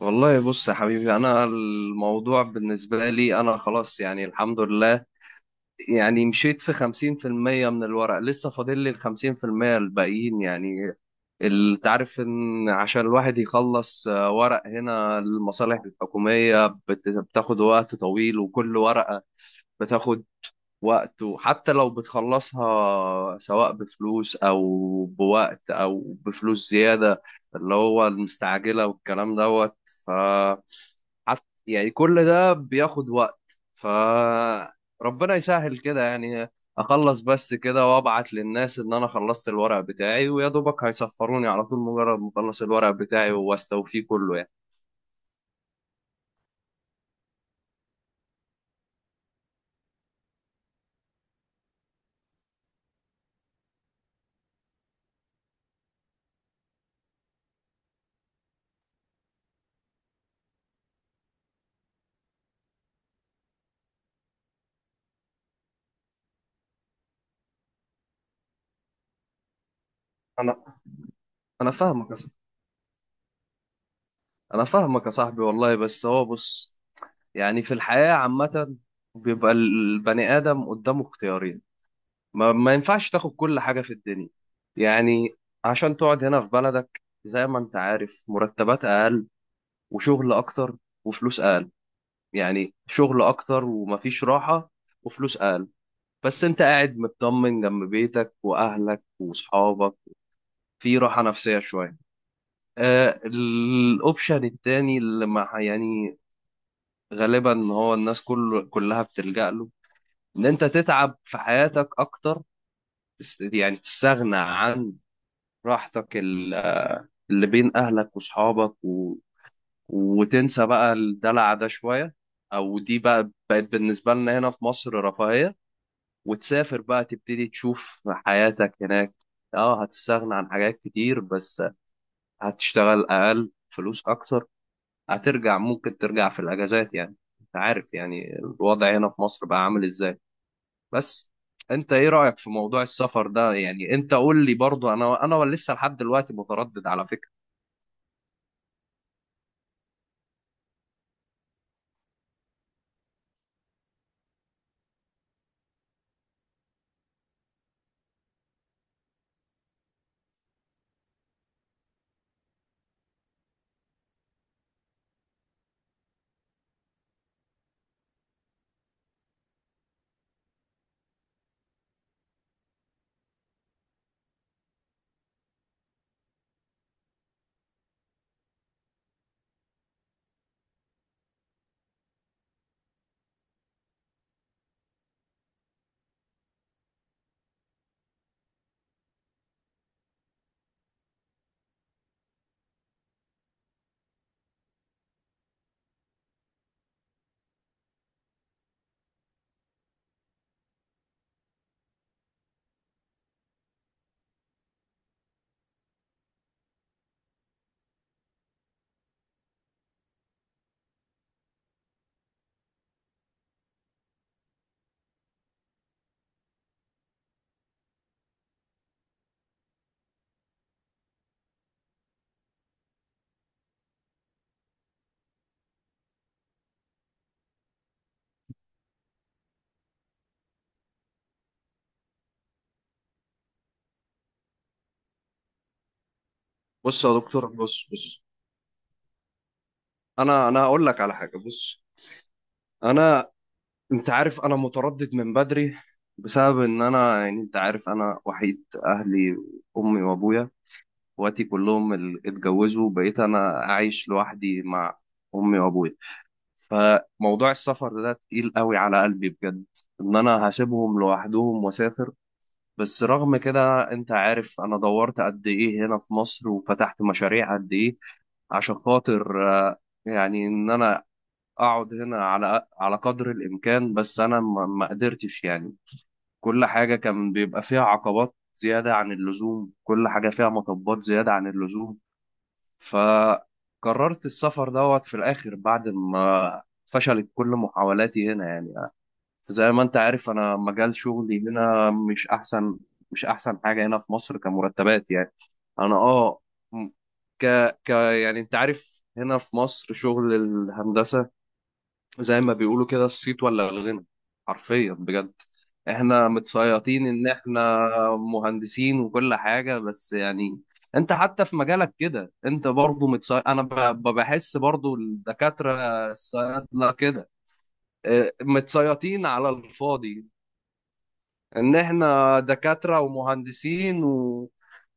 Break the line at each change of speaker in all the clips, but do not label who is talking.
والله بص يا حبيبي، انا الموضوع بالنسبه لي انا خلاص يعني الحمد لله. يعني مشيت في 50% من الورق، لسه فاضل لي ال 50% الباقيين يعني. انت عارف ان عشان الواحد يخلص ورق هنا المصالح الحكوميه بتاخد وقت طويل، وكل ورقه بتاخد وقت. وحتى لو بتخلصها سواء بفلوس او بوقت او بفلوس زياده، اللي هو المستعجله والكلام دوت. يعني كل ده بياخد وقت، فربنا يسهل كده يعني. اخلص بس كده وابعت للناس ان انا خلصت الورق بتاعي، ويا دوبك هيسفروني على طول مجرد ما اخلص الورق بتاعي واستوفيه كله يعني. انا انا فاهمك يا صاحبي. انا فاهمك يا صاحبي والله، بس هو بص، يعني في الحياة عامة بيبقى البني ادم قدامه اختيارين. ما ينفعش تاخد كل حاجة في الدنيا يعني. عشان تقعد هنا في بلدك، زي ما انت عارف، مرتبات اقل وشغل اكتر وفلوس اقل. يعني شغل اكتر ومفيش راحة وفلوس اقل، بس انت قاعد مطمن جنب بيتك واهلك واصحابك، في راحة نفسية شوية. آه، الاوبشن التاني اللي مع يعني غالبا هو الناس كلها بتلجأ له، ان انت تتعب في حياتك اكتر، يعني تستغنى عن راحتك اللي بين اهلك واصحابك، وتنسى بقى الدلع ده شوية، أو دي بقى بقت بالنسبة لنا هنا في مصر رفاهية، وتسافر بقى تبتدي تشوف حياتك هناك. اه، هتستغنى عن حاجات كتير، بس هتشتغل أقل، فلوس أكتر. هترجع، ممكن ترجع في الأجازات يعني. أنت عارف يعني الوضع هنا في مصر بقى عامل إزاي. بس أنت إيه رأيك في موضوع السفر ده يعني؟ أنت قول لي برضه، أنا لسه لحد دلوقتي متردد على فكرة. بص يا دكتور، بص. أنا هقول لك على حاجة. بص انا، انت عارف انا متردد من بدري بسبب ان انا، يعني انت عارف انا وحيد اهلي، امي وابويا. اخواتي كلهم اللي اتجوزوا، بقيت انا عايش لوحدي مع امي وابويا. فموضوع السفر ده تقيل قوي على قلبي بجد، ان انا هسيبهم لوحدهم واسافر. بس رغم كده انت عارف انا دورت قد ايه هنا في مصر وفتحت مشاريع قد ايه عشان خاطر يعني ان انا اقعد هنا على قدر الامكان، بس انا ما قدرتش يعني. كل حاجه كان بيبقى فيها عقبات زياده عن اللزوم، كل حاجه فيها مطبات زياده عن اللزوم. فقررت السفر دوت في الاخر بعد ما فشلت كل محاولاتي هنا يعني. زي ما انت عارف انا مجال شغلي هنا مش احسن، مش احسن حاجه هنا في مصر كمرتبات يعني. انا اه، م- ك يعني انت عارف هنا في مصر شغل الهندسه زي ما بيقولوا كده الصيت ولا الغنى، حرفيا بجد. احنا متصيطين ان احنا مهندسين وكل حاجة، بس يعني انت حتى في مجالك كده انت برضو متصيط. انا بحس برضو الدكاترة الصيادلة كده، اه، متصيطين على الفاضي. ان احنا دكاترة ومهندسين و...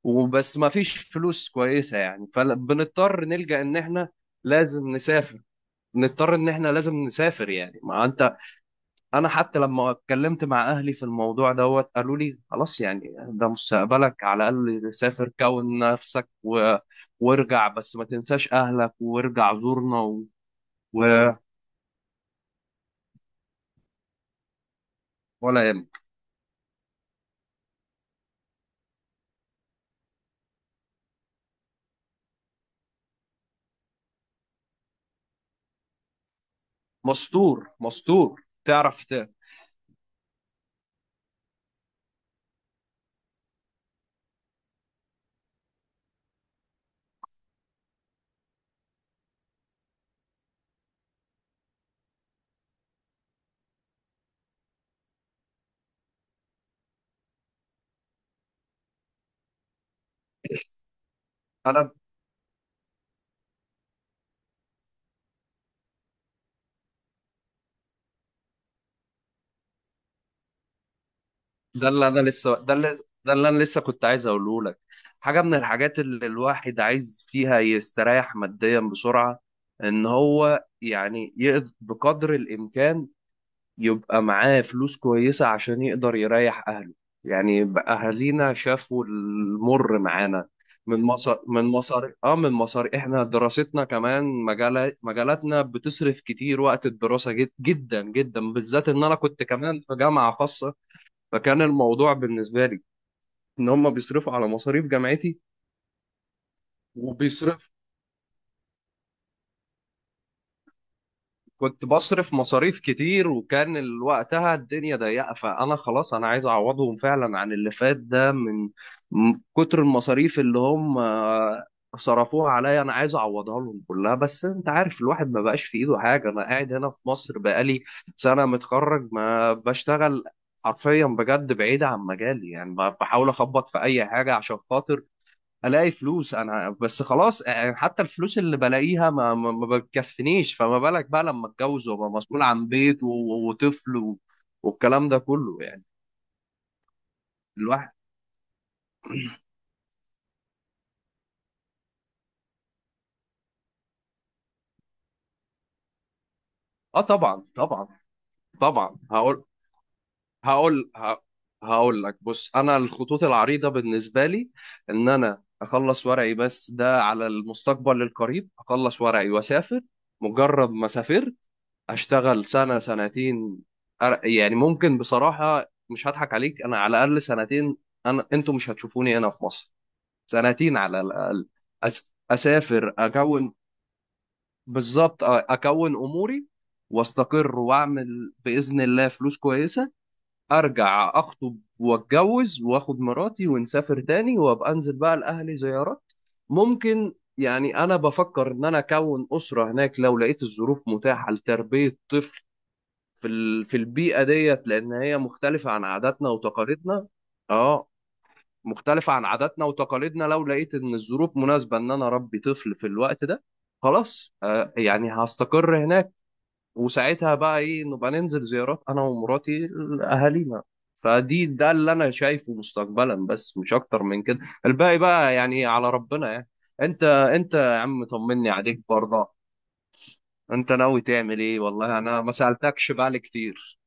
وبس، ما فيش فلوس كويسة يعني، فبنضطر نلجأ ان احنا لازم نسافر. نضطر ان احنا لازم نسافر، يعني ما انت، انا حتى لما اتكلمت مع اهلي في الموضوع دوت قالوا لي خلاص يعني، ده مستقبلك، على الاقل سافر كون نفسك و... وارجع، بس ما تنساش اهلك وارجع زورنا. و... و... ولا يهمك. مستور مستور تعرف. ت... انا ده اللي انا لسه ده اللي ده اللي انا لسه كنت عايز اقوله لك. حاجه من الحاجات اللي الواحد عايز فيها يستريح ماديا بسرعه، ان هو يعني يقدر بقدر الامكان يبقى معاه فلوس كويسة عشان يقدر يريح أهله. يعني بقى أهالينا شافوا المر معانا من مصر. من مصر احنا دراستنا كمان، مجالات مجالاتنا بتصرف كتير وقت الدراسة، جد جدا جدا، بالذات ان انا كنت كمان في جامعة خاصة. فكان الموضوع بالنسبة لي ان هم بيصرفوا على مصاريف جامعتي، وبيصرف كنت بصرف مصاريف كتير، وكان وقتها الدنيا ضيقة. فأنا خلاص أنا عايز أعوضهم فعلا عن اللي فات ده، من من كتر المصاريف اللي هم صرفوها عليا، أنا عايز أعوضها لهم كلها. بس أنت عارف الواحد ما بقاش في إيده حاجة. أنا قاعد هنا في مصر بقالي سنة متخرج ما بشتغل، حرفيا بجد، بعيد عن مجالي يعني. بحاول أخبط في أي حاجة عشان خاطر الاقي فلوس انا بس خلاص، يعني حتى الفلوس اللي بلاقيها ما بتكفنيش. فما بالك بقى لما اتجوز وابقى مسؤول عن بيت وطفل و- والكلام ده كله يعني. الواحد اه، طبعا طبعا. طبعا هقول هقول ه- هقول لك، بص انا الخطوط العريضه بالنسبه لي ان انا اخلص ورقي، بس ده على المستقبل القريب، اخلص ورقي واسافر. مجرد ما سافرت اشتغل سنه سنتين، يعني ممكن بصراحه مش هضحك عليك، انا على الاقل سنتين انا انتوا مش هتشوفوني هنا في مصر، سنتين على الاقل. اسافر اكون بالظبط، اكون اموري واستقر واعمل باذن الله فلوس كويسه، ارجع اخطب واتجوز واخد مراتي ونسافر تاني، وابقى انزل بقى لاهلي زيارات. ممكن يعني انا بفكر ان انا اكون اسره هناك لو لقيت الظروف متاحه لتربيه طفل في البيئة ديت، لأن هي مختلفة عن عاداتنا وتقاليدنا. اه، مختلفة عن عاداتنا وتقاليدنا. لو لقيت إن الظروف مناسبة إن أنا أربي طفل في الوقت ده، خلاص آه يعني هستقر هناك. وساعتها بقى إيه، نبقى ننزل زيارات أنا ومراتي لأهالينا. فدي ده اللي أنا شايفه مستقبلا، بس مش أكتر من كده. الباقي بقى يعني على ربنا يعني. أنت يا عم طمني عليك برضه، أنت ناوي تعمل إيه؟ والله أنا ما سألتكش بقى كتير.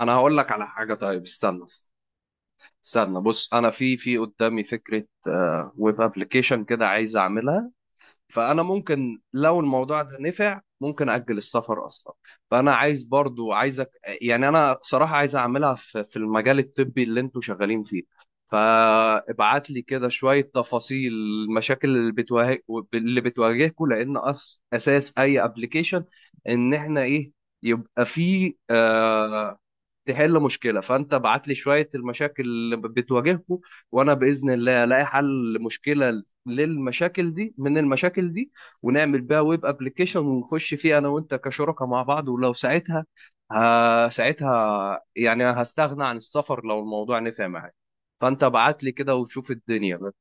انا هقول لك على حاجه، طيب استنى، استنى، بص انا في قدامي فكره، ويب ابلكيشن كده عايز اعملها. فانا ممكن لو الموضوع ده نفع ممكن اجل السفر اصلا. فانا عايز برضو عايزك، يعني انا صراحه عايز اعملها في المجال الطبي اللي انتوا شغالين فيه. فابعت لي كده شويه تفاصيل المشاكل اللي بتواجه، اللي بتواجهكم. لان اساس اي ابلكيشن ان احنا ايه، يبقى فيه تحل مشكله. فانت بعت لي شويه المشاكل اللي بتواجهكم، وانا باذن الله الاقي حل مشكله للمشاكل دي، من المشاكل دي ونعمل بيها ويب ابلكيشن، ونخش فيه انا وانت كشركاء مع بعض. ولو ساعتها، ها ساعتها يعني هستغنى عن السفر لو الموضوع نفع معاك. فانت ابعت لي كده وشوف الدنيا.